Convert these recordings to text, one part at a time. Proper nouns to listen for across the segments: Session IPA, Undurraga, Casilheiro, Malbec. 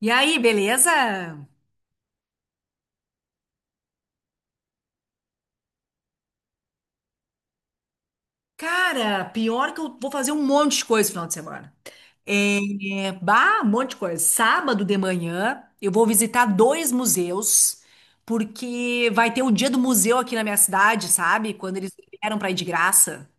E aí, beleza? Cara, pior que eu vou fazer um monte de coisa no final de semana. É, bah, um monte de coisa. Sábado de manhã, eu vou visitar dois museus, porque vai ter o dia do museu aqui na minha cidade, sabe? Quando eles vieram pra ir de graça.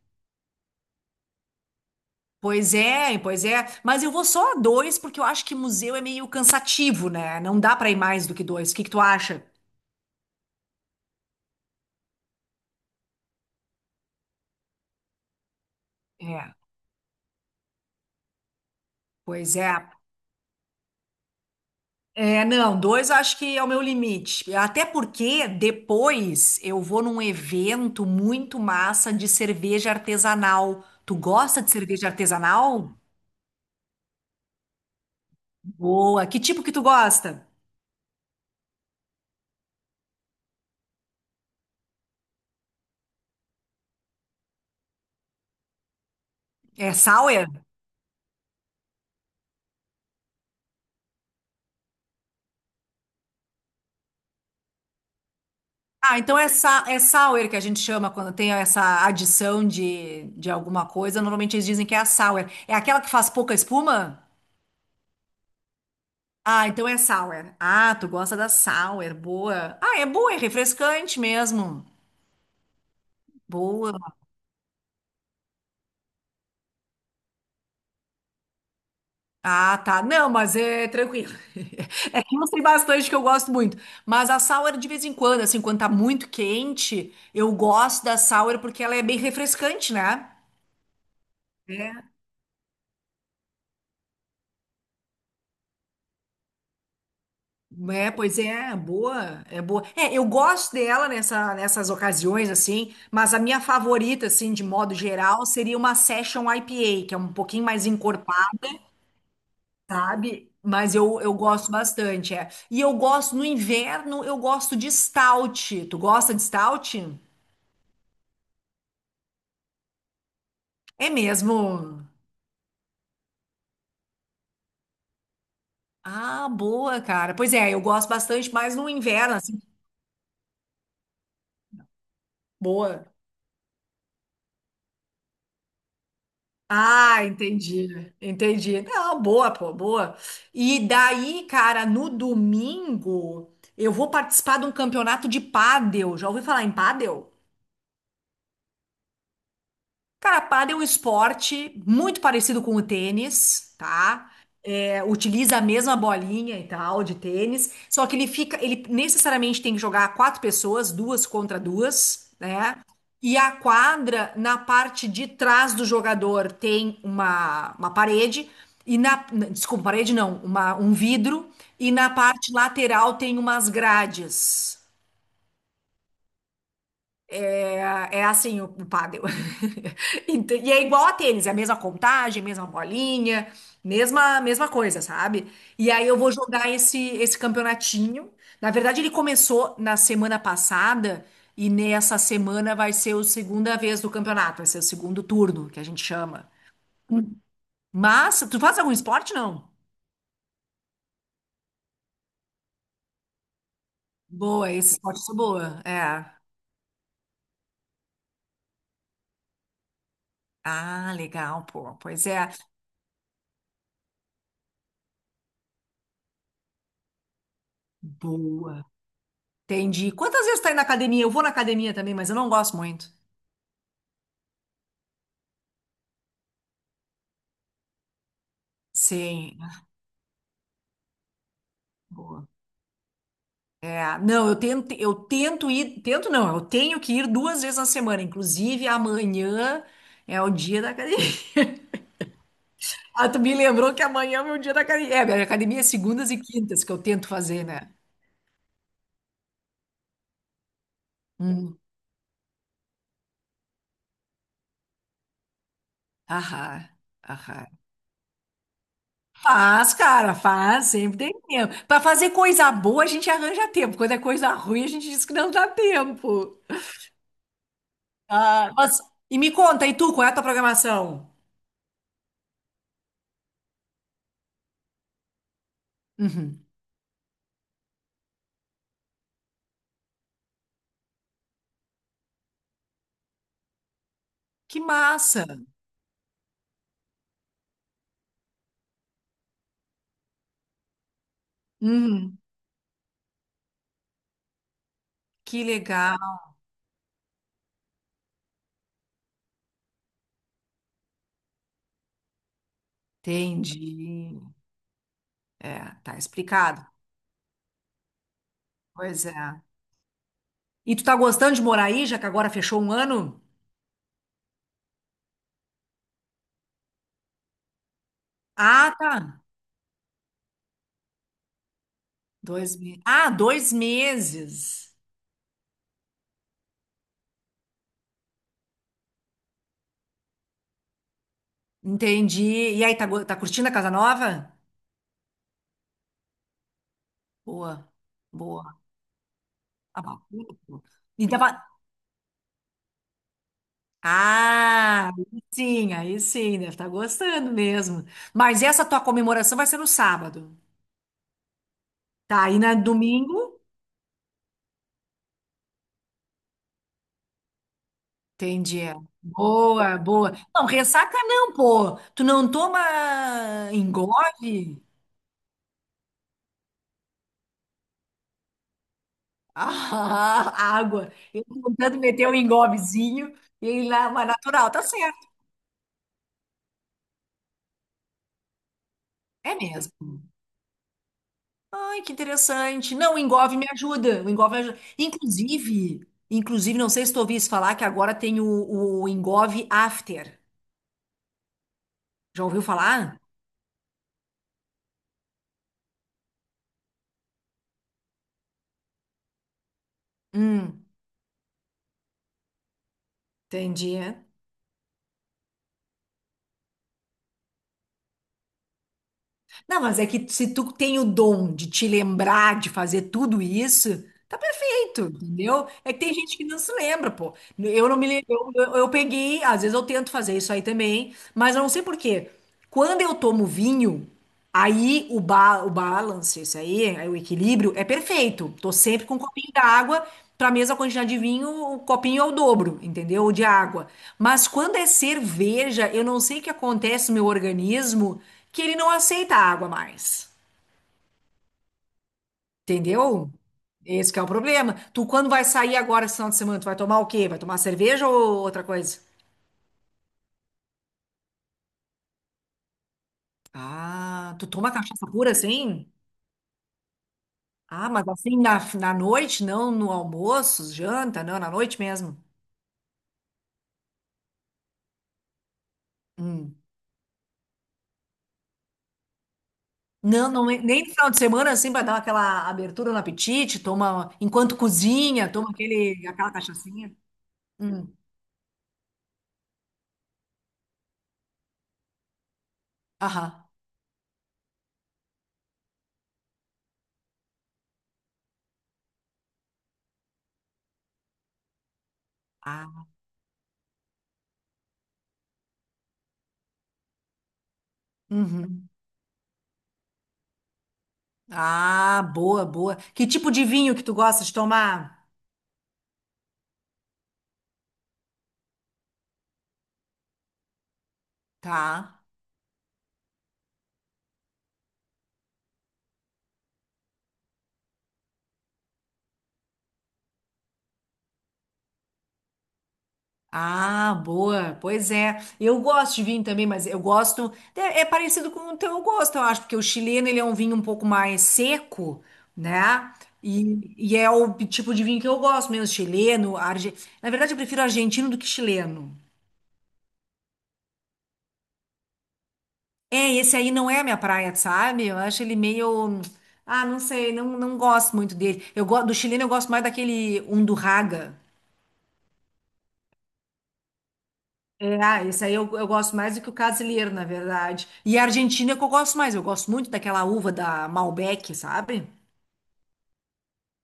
Pois é, pois é. Mas eu vou só a dois, porque eu acho que museu é meio cansativo, né? Não dá pra ir mais do que dois. O que que tu acha? É, pois é. É, não, dois eu acho que é o meu limite. Até porque depois eu vou num evento muito massa de cerveja artesanal. Tu gosta de cerveja artesanal? Boa. Que tipo que tu gosta? É sour? Ah, então é, sa é sour que a gente chama quando tem essa adição de alguma coisa. Normalmente eles dizem que é a sour. É aquela que faz pouca espuma? Ah, então é sour. Ah, tu gosta da sour. Boa. Ah, é boa, é refrescante mesmo. Boa. Ah, tá. Não, mas é tranquilo. É que eu sei bastante que eu gosto muito. Mas a sour, de vez em quando, assim, quando tá muito quente, eu gosto da sour porque ela é bem refrescante, né? É, pois é, boa, é boa. É, eu gosto dela nessas ocasiões, assim, mas a minha favorita, assim, de modo geral, seria uma Session IPA, que é um pouquinho mais encorpada, sabe? Mas eu gosto bastante, é. E eu gosto, no inverno, eu gosto de stout. Tu gosta de stout? É mesmo? Ah, boa, cara. Pois é, eu gosto bastante, mas no inverno, assim, boa. Ah, entendi, entendi. Não, boa, pô, boa. E daí, cara, no domingo, eu vou participar de um campeonato de pádel. Já ouviu falar em pádel? Cara, pádel é um esporte muito parecido com o tênis, tá? É, utiliza a mesma bolinha e tal de tênis, só que ele fica, ele necessariamente tem que jogar quatro pessoas, duas contra duas, né? E a quadra, na parte de trás do jogador, tem uma parede, e na, desculpa, parede não, um vidro, e na parte lateral tem umas grades. Ah, é assim o pádel. E é igual a tênis, é a mesma contagem, mesma bolinha, mesma coisa, sabe? E aí eu vou jogar esse campeonatinho. Na verdade, ele começou na semana passada e nessa semana vai ser a segunda vez do campeonato, vai ser o segundo turno que a gente chama. Mas tu faz algum esporte, não? Boa, esse esporte eu sou boa. É. Ah, legal, pô. Pois é. Boa. Entendi. Quantas vezes tá indo na academia? Eu vou na academia também, mas eu não gosto muito. Sim. Boa. É, não, eu tento ir, tento não, eu tenho que ir duas vezes na semana. Inclusive, amanhã é o dia da academia. Ah, tu me lembrou que amanhã é o meu dia da academia. É, minha academia é segundas e quintas que eu tento fazer, né? Hum. Aham, aham. Faz, cara, faz, sempre tem tempo. Pra fazer coisa boa, a gente arranja tempo. Quando é coisa ruim, a gente diz que não dá tempo. Ah, mas, e me conta, e tu, qual é a tua programação? Uhum. Que massa! Uhum. Que legal, entendi. É, tá explicado. Pois é. E tu tá gostando de morar aí, já que agora fechou um ano? Ah, tá. Dois meses. Ah, dois meses. Entendi. E aí, tá, tá curtindo a casa nova? Boa, boa. Ah, bacana, pô. E tava... Ah, aí sim, deve estar gostando mesmo. Mas essa tua comemoração vai ser no sábado. Tá, e na domingo? Entendi. É. Boa, boa. Não, ressaca não, pô. Tu não toma engove? Ah, água. Eu tentando meter um engovezinho e lá, mas natural, tá certo. É mesmo. Ai, que interessante. Não, o engove me ajuda. O engove me ajuda. Inclusive, inclusive, não sei se tu ouviste falar que agora tem o engove after. Já ouviu falar? Hum, entendi. Não, mas é que se tu tem o dom de te lembrar de fazer tudo isso, tá perfeito, entendeu? É que tem gente que não se lembra, pô. Eu não me lembro, eu peguei, às vezes eu tento fazer isso aí também, mas eu não sei por quê. Quando eu tomo vinho, aí o balance, isso aí, aí o equilíbrio é perfeito. Tô sempre com um copinho d'água, pra mesma quantidade de vinho, o copinho é o dobro, entendeu? De água. Mas quando é cerveja, eu não sei o que acontece no meu organismo que ele não aceita água mais. Entendeu? Esse que é o problema. Tu, quando vai sair agora esse final de semana, tu vai tomar o quê? Vai tomar cerveja ou outra coisa? Ah, tu toma cachaça pura assim? Ah, mas assim na noite, não no almoço, janta, não, na noite mesmo. Hum. Não, não, nem no final de semana assim para dar aquela abertura no apetite, toma enquanto cozinha, toma aquela cachaçinha. Hum. Aham. Ah. Uhum. Ah, boa, boa. Que tipo de vinho que tu gosta de tomar? Tá. Ah, boa. Pois é. Eu gosto de vinho também, mas eu gosto. É parecido com o teu gosto, eu acho, porque o chileno ele é um vinho um pouco mais seco, né? E é o tipo de vinho que eu gosto mesmo, chileno, arge... Na verdade, eu prefiro argentino do que chileno. É, esse aí não é a minha praia, sabe? Eu acho ele meio. Ah, não sei, não, não gosto muito dele. Eu gosto do chileno, eu gosto mais daquele Undurraga. É, ah, esse aí eu gosto mais do que o Casilheiro, na verdade. E a Argentina é que eu gosto mais. Eu gosto muito daquela uva da Malbec, sabe?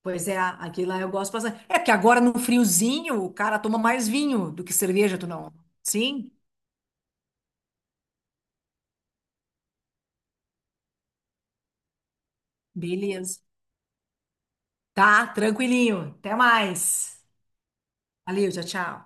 Pois é, aquilo lá eu gosto bastante. É porque agora no friozinho o cara toma mais vinho do que cerveja, tu não? Sim? Beleza. Tá, tranquilinho. Até mais. Valeu, tchau, tchau.